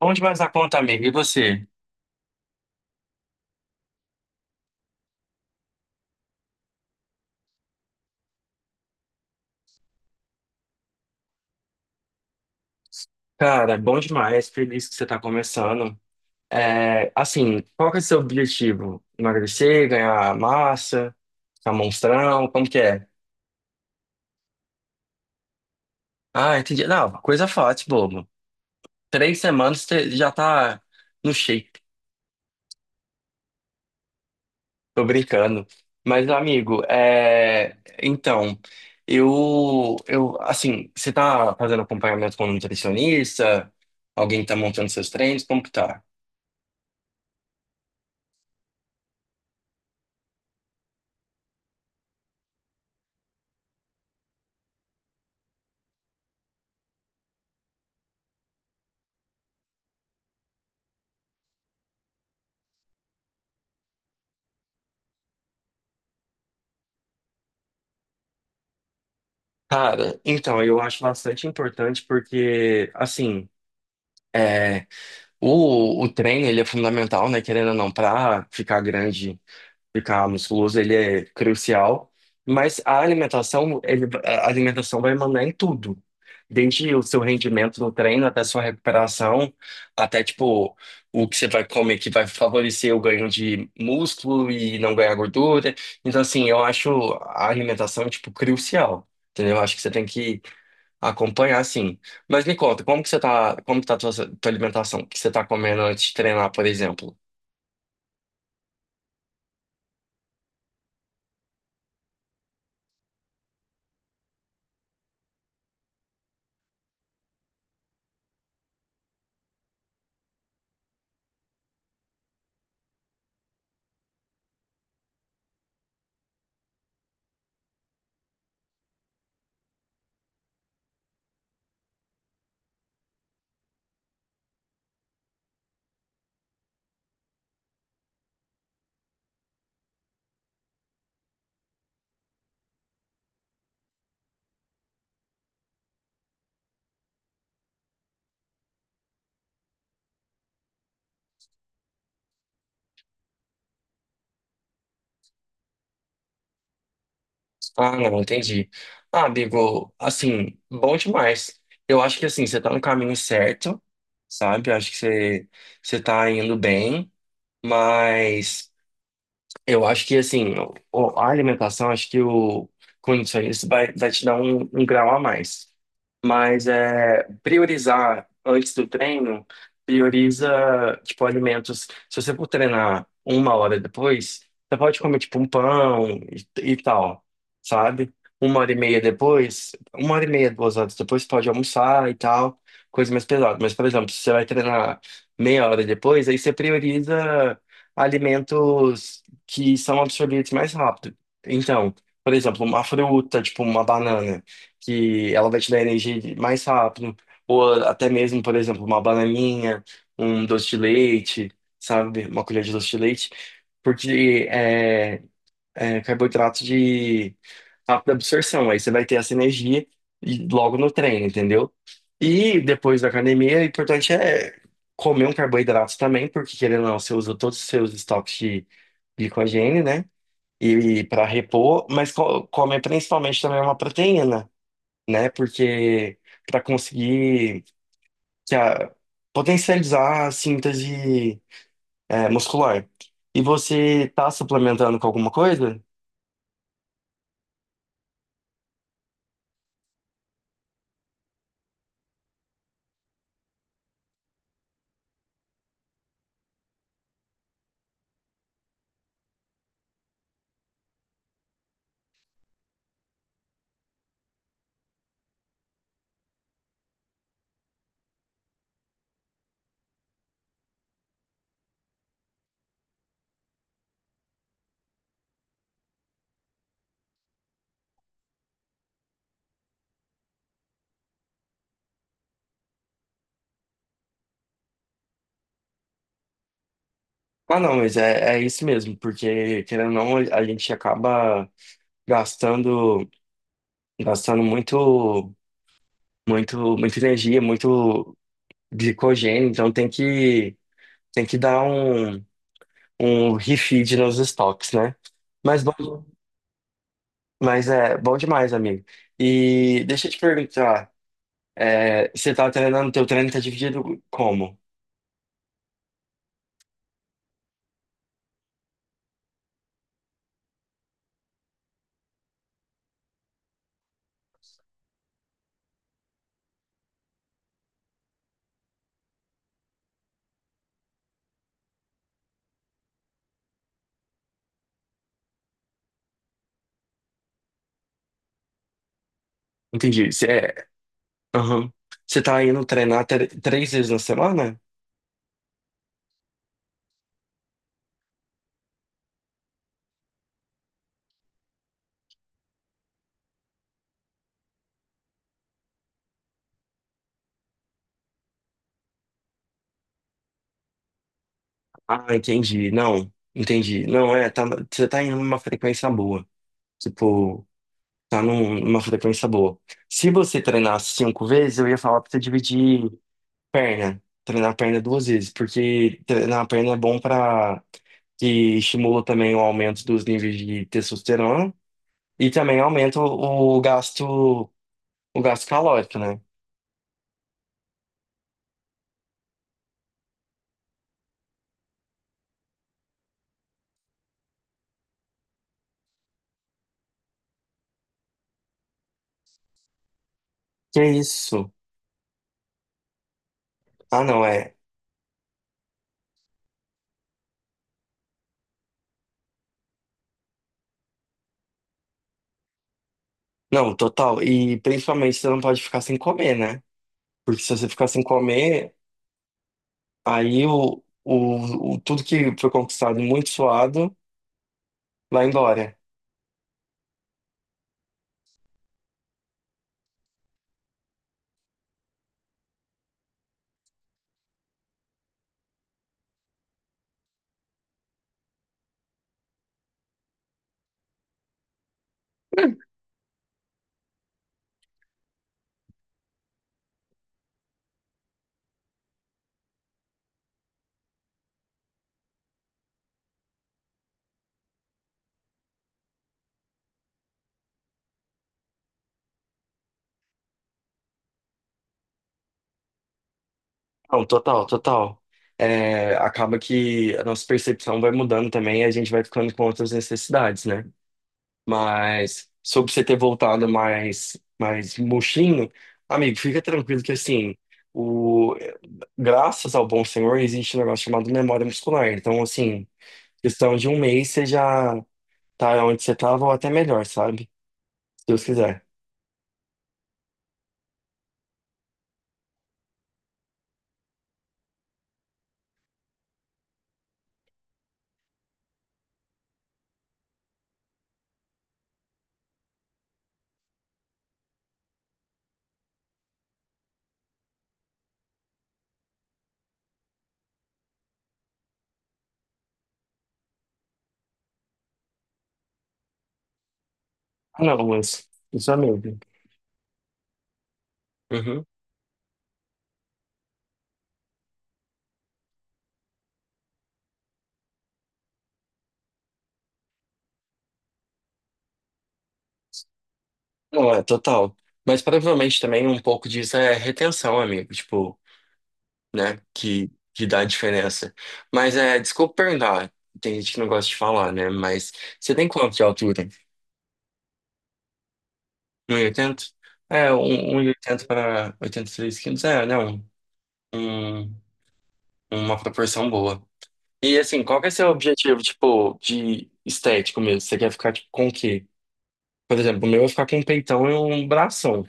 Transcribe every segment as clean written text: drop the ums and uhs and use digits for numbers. Bom demais a conta, amigo. E você? Cara, bom demais. Feliz que você tá começando. É, assim, qual que é o seu objetivo? Emagrecer, ganhar massa, ficar monstrão? Como que é? Ah, entendi. Não, coisa fácil, bobo. Três semanas você já tá no shape. Tô brincando. Mas, amigo, então, assim, você tá fazendo acompanhamento com um nutricionista? Alguém que tá montando seus treinos? Como que tá? Cara, então, eu acho bastante importante porque, assim, é, o treino, ele é fundamental, né? Querendo ou não, pra ficar grande, ficar musculoso, ele é crucial. Mas a alimentação, a alimentação vai mandar em tudo. Desde o seu rendimento no treino, até a sua recuperação, até, tipo, o que você vai comer que vai favorecer o ganho de músculo e não ganhar gordura. Então, assim, eu acho a alimentação, tipo, crucial. Entendeu? Eu acho que você tem que acompanhar, sim. Mas me conta, como que você tá, como que tá a tua alimentação? O que você tá comendo antes de treinar, por exemplo? Ah, não, entendi. Ah, amigo, assim, bom demais. Eu acho que, assim, você tá no caminho certo, sabe? Eu acho que você tá indo bem, mas... Eu acho que assim, a alimentação, acho que o com isso vai te dar um grau a mais. Mas é priorizar antes do treino, prioriza tipo alimentos. Se você for treinar uma hora depois, você pode comer tipo um pão e tal, sabe? Uma hora e meia depois, uma hora e meia, duas horas depois, você pode almoçar e tal, coisa mais pesada. Mas, por exemplo, se você vai treinar meia hora depois, aí você prioriza alimentos que são absorvidos mais rápido. Então, por exemplo, uma fruta, tipo uma banana, que ela vai te dar energia mais rápido, ou até mesmo, por exemplo, uma bananinha, um doce de leite, sabe? Uma colher de doce de leite, porque carboidrato de rápida absorção. Aí você vai ter essa energia logo no treino, entendeu? E depois da academia, o importante é comer um carboidrato também, porque querendo ou não, você usa todos os seus estoques de glicogênio, né? E para repor, mas comer principalmente também uma proteína, né? Porque para conseguir que a- potencializar a síntese muscular. E você tá suplementando com alguma coisa? Ah, não, mas é isso mesmo, porque querendo ou não, a gente acaba gastando, gastando muito, muito, muita energia, muito glicogênio, então tem que dar um refeed nos estoques, né? Mas bom, mas é bom demais, amigo. E deixa eu te perguntar, você tá treinando, teu treino tá dividido como? Entendi. Aham. Você tá indo treinar três vezes na semana? Ah, entendi. Não, entendi. Não, tá, você tá indo numa frequência boa. Tipo, tá numa frequência boa. Se você treinar cinco vezes, eu ia falar pra você dividir perna. Treinar a perna duas vezes, porque treinar a perna é bom pra que estimula também o aumento dos níveis de testosterona e também aumenta o gasto calórico, né? Que isso? Ah, não, é. Não, total. E principalmente você não pode ficar sem comer, né? Porque se você ficar sem comer, aí tudo que foi conquistado muito suado lá em Glória. Não, total, total. É, acaba que a nossa percepção vai mudando também e a gente vai ficando com outras necessidades, né? Mas sobre você ter voltado mais, murchinho, amigo, fica tranquilo que assim, o, graças ao bom Senhor, existe um negócio chamado memória muscular. Então, assim, questão de um mês você já tá onde você tava ou até melhor, sabe? Se Deus quiser. Ah, não, mas isso é medo. Uhum. Não, é total. Mas provavelmente também um pouco disso é retenção, amigo. Tipo, né? Que dá a diferença. Mas desculpa perguntar. Tem gente que não gosta de falar, né? Mas você tem quanto de altura? 1,80? 1,80 para 83 quilos. É, não. Um, um, uma proporção boa. E assim, qual que é seu objetivo, tipo, de estético mesmo? Você quer ficar tipo, com o quê? Por exemplo, o meu é ficar com um peitão e um bração.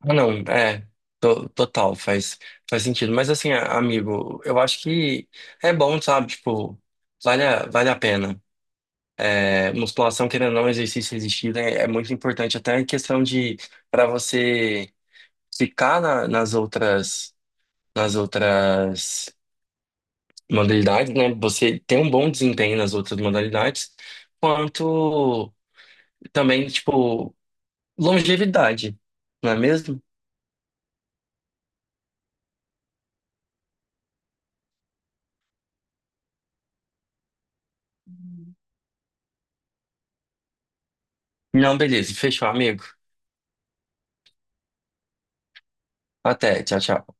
Ah, não, total, faz sentido. Mas assim, amigo, eu acho que é bom, sabe? Tipo, vale a pena. É, musculação, querendo ou não, exercício resistido é muito importante, até em questão de para você ficar nas outras modalidades, né? Você ter um bom desempenho nas outras modalidades, quanto também, tipo, longevidade, não é mesmo? Não, beleza, fechou, amigo. Até, tchau, tchau.